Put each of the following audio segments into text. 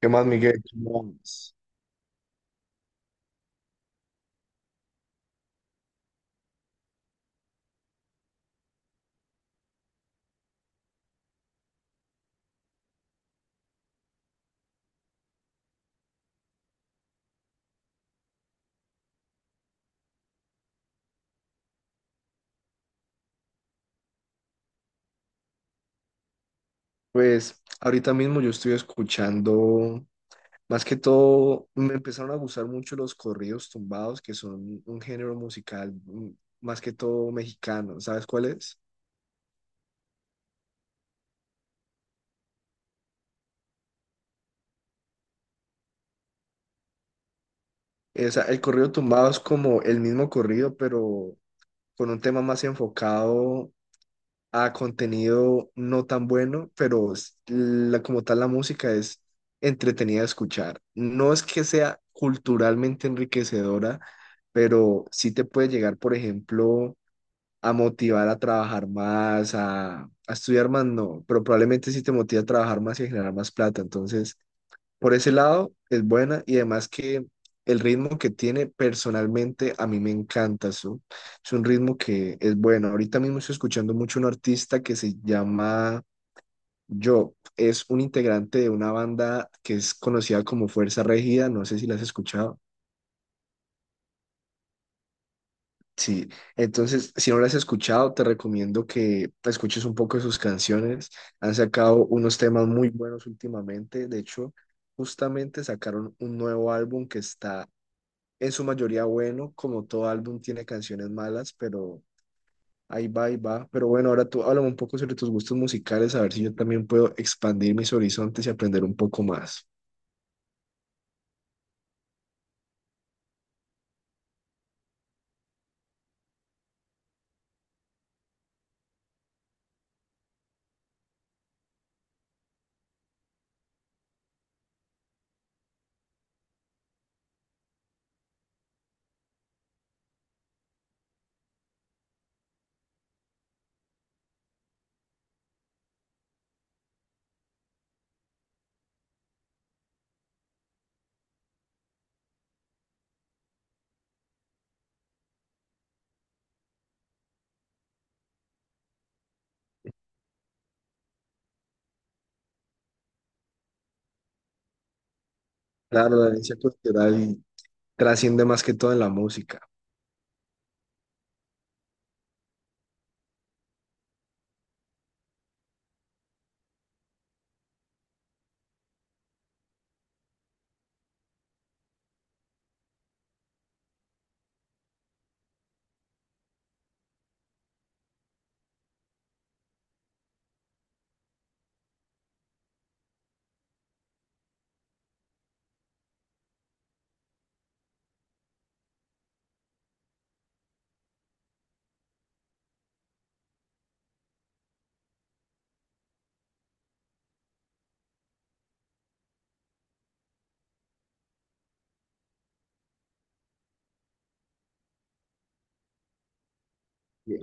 ¿Qué más, Miguel? ¿Qué más? Pues ahorita mismo yo estoy escuchando, más que todo, me empezaron a gustar mucho los corridos tumbados, que son un género musical más que todo mexicano. ¿Sabes cuál es? El corrido tumbado es como el mismo corrido, pero con un tema más enfocado a contenido no tan bueno, pero la, como tal la música es entretenida de escuchar. No es que sea culturalmente enriquecedora, pero sí te puede llegar, por ejemplo, a motivar a trabajar más, a estudiar más, no, pero probablemente sí te motiva a trabajar más y a generar más plata. Entonces, por ese lado, es buena y además que el ritmo que tiene personalmente a mí me encanta. Eso. Es un ritmo que es bueno. Ahorita mismo estoy escuchando mucho un artista que se llama Job. Es un integrante de una banda que es conocida como Fuerza Regida. No sé si la has escuchado. Sí, entonces si no las has escuchado, te recomiendo que escuches un poco de sus canciones. Han sacado unos temas muy buenos últimamente. De hecho, justamente sacaron un nuevo álbum que está en su mayoría bueno, como todo álbum tiene canciones malas, pero ahí va, ahí va. Pero bueno, ahora tú háblame un poco sobre tus gustos musicales, a ver si yo también puedo expandir mis horizontes y aprender un poco más. Claro, la herencia cultural trasciende más que todo en la música.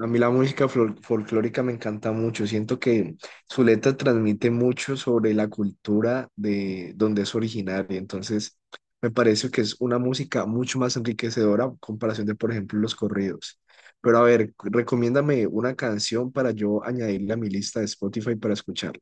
A mí la música folclórica me encanta mucho. Siento que su letra transmite mucho sobre la cultura de donde es originaria. Entonces, me parece que es una música mucho más enriquecedora en comparación de, por ejemplo, los corridos. Pero a ver, recomiéndame una canción para yo añadirla a mi lista de Spotify para escucharla.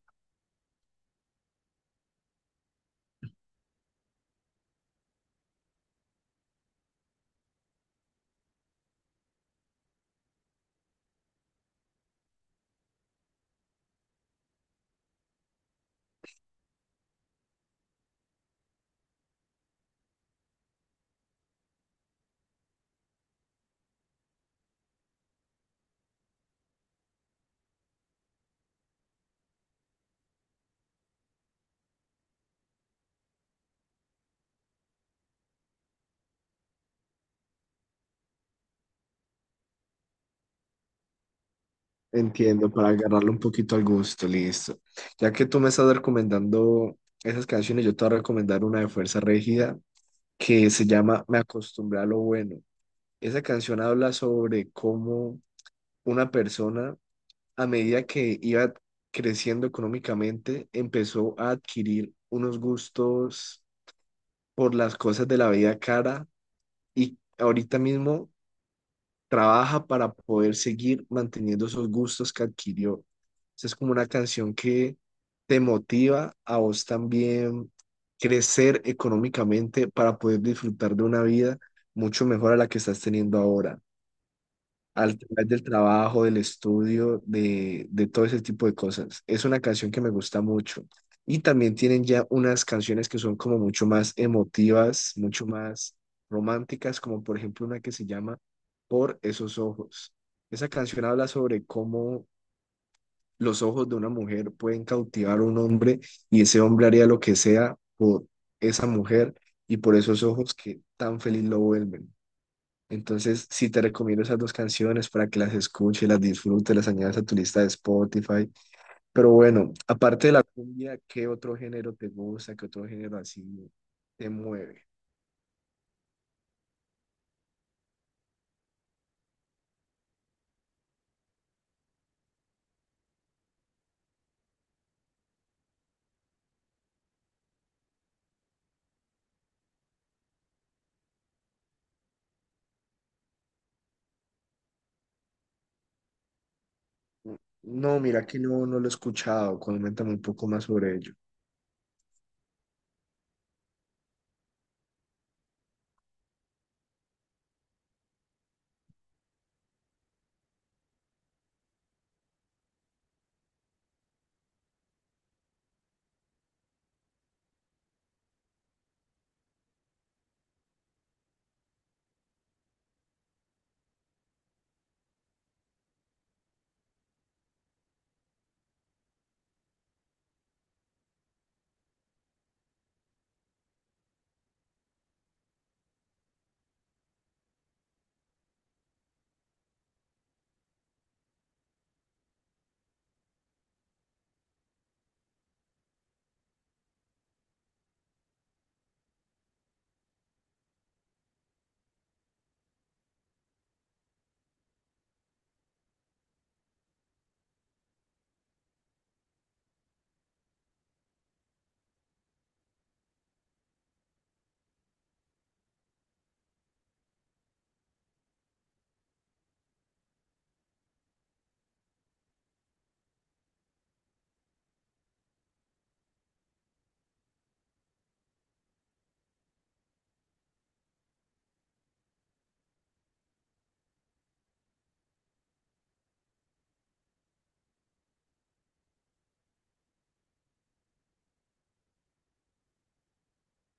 Entiendo, para agarrarle un poquito al gusto, listo. Ya que tú me estás recomendando esas canciones, yo te voy a recomendar una de Fuerza Regida que se llama Me acostumbré a lo bueno. Esa canción habla sobre cómo una persona, a medida que iba creciendo económicamente, empezó a adquirir unos gustos por las cosas de la vida cara y ahorita mismo trabaja para poder seguir manteniendo esos gustos que adquirió. Esa es como una canción que te motiva a vos también crecer económicamente para poder disfrutar de una vida mucho mejor a la que estás teniendo ahora. Al través del trabajo, del estudio, de todo ese tipo de cosas. Es una canción que me gusta mucho. Y también tienen ya unas canciones que son como mucho más emotivas, mucho más románticas, como por ejemplo una que se llama Por esos ojos. Esa canción habla sobre cómo los ojos de una mujer pueden cautivar a un hombre y ese hombre haría lo que sea por esa mujer y por esos ojos que tan feliz lo vuelven. Entonces, sí te recomiendo esas dos canciones para que las escuches, las disfrutes, las añadas a tu lista de Spotify. Pero bueno, aparte de la cumbia, ¿qué otro género te gusta? ¿Qué otro género así te mueve? Mm. No, mira que no, no lo he escuchado. Coméntame un poco más sobre ello.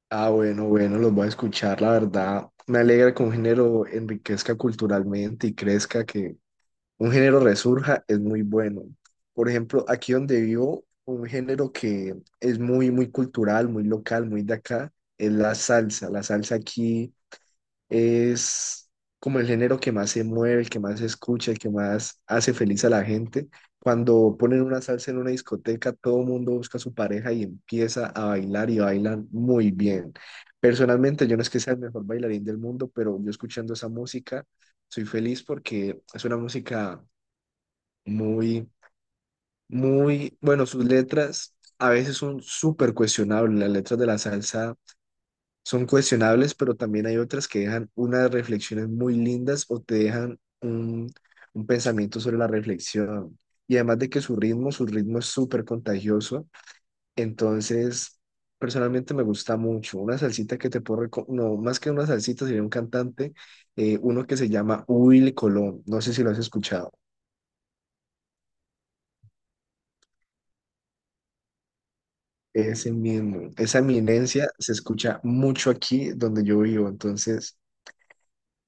Ah, bueno, bueno, los voy a escuchar, la verdad. Me alegra que un género enriquezca culturalmente y crezca, que un género resurja es muy bueno. Por ejemplo, aquí donde vivo, un género que es muy, muy cultural, muy local, muy de acá, es la salsa. La salsa aquí es como el género que más se mueve, el que más se escucha, el que más hace feliz a la gente. Cuando ponen una salsa en una discoteca, todo el mundo busca a su pareja y empieza a bailar y bailan muy bien. Personalmente, yo no es que sea el mejor bailarín del mundo, pero yo escuchando esa música, soy feliz porque es una música muy, muy, bueno, sus letras a veces son súper cuestionables, las letras de la salsa son cuestionables, pero también hay otras que dejan unas reflexiones muy lindas o te dejan un pensamiento sobre la reflexión. Y además de que su ritmo es súper contagioso, entonces personalmente me gusta mucho. Una salsita que te puedo recomendar, no, más que una salsita sería un cantante, uno que se llama Will Colón, no sé si lo has escuchado. Ese mismo, esa eminencia se escucha mucho aquí donde yo vivo, entonces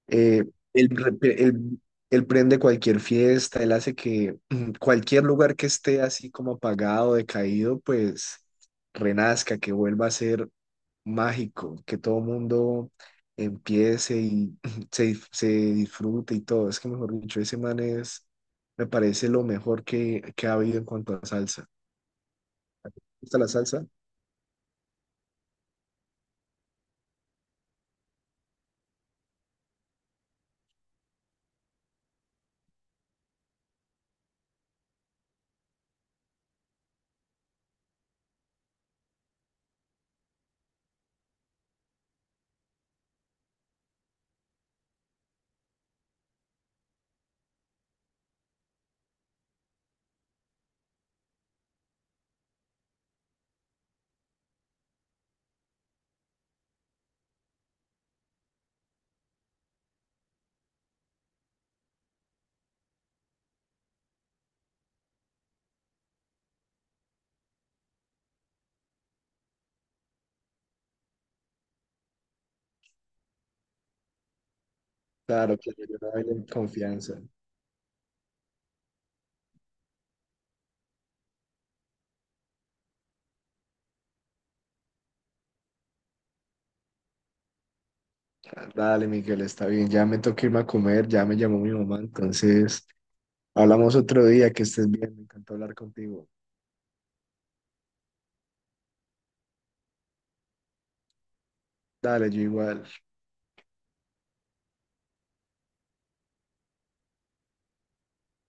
eh, él, rep- él- él prende cualquier fiesta, él hace que cualquier lugar que esté así como apagado, decaído, pues renazca, que vuelva a ser mágico, que todo mundo empiece y se disfrute y todo. Es que mejor dicho, ese man es, me parece lo mejor que ha habido en cuanto a salsa. ¿Te gusta la salsa? Claro, que yo la bailo en confianza. Dale, Miguel, está bien. Ya me toca irme a comer, ya me llamó mi mamá, entonces hablamos otro día, que estés bien, me encantó hablar contigo. Dale, yo igual.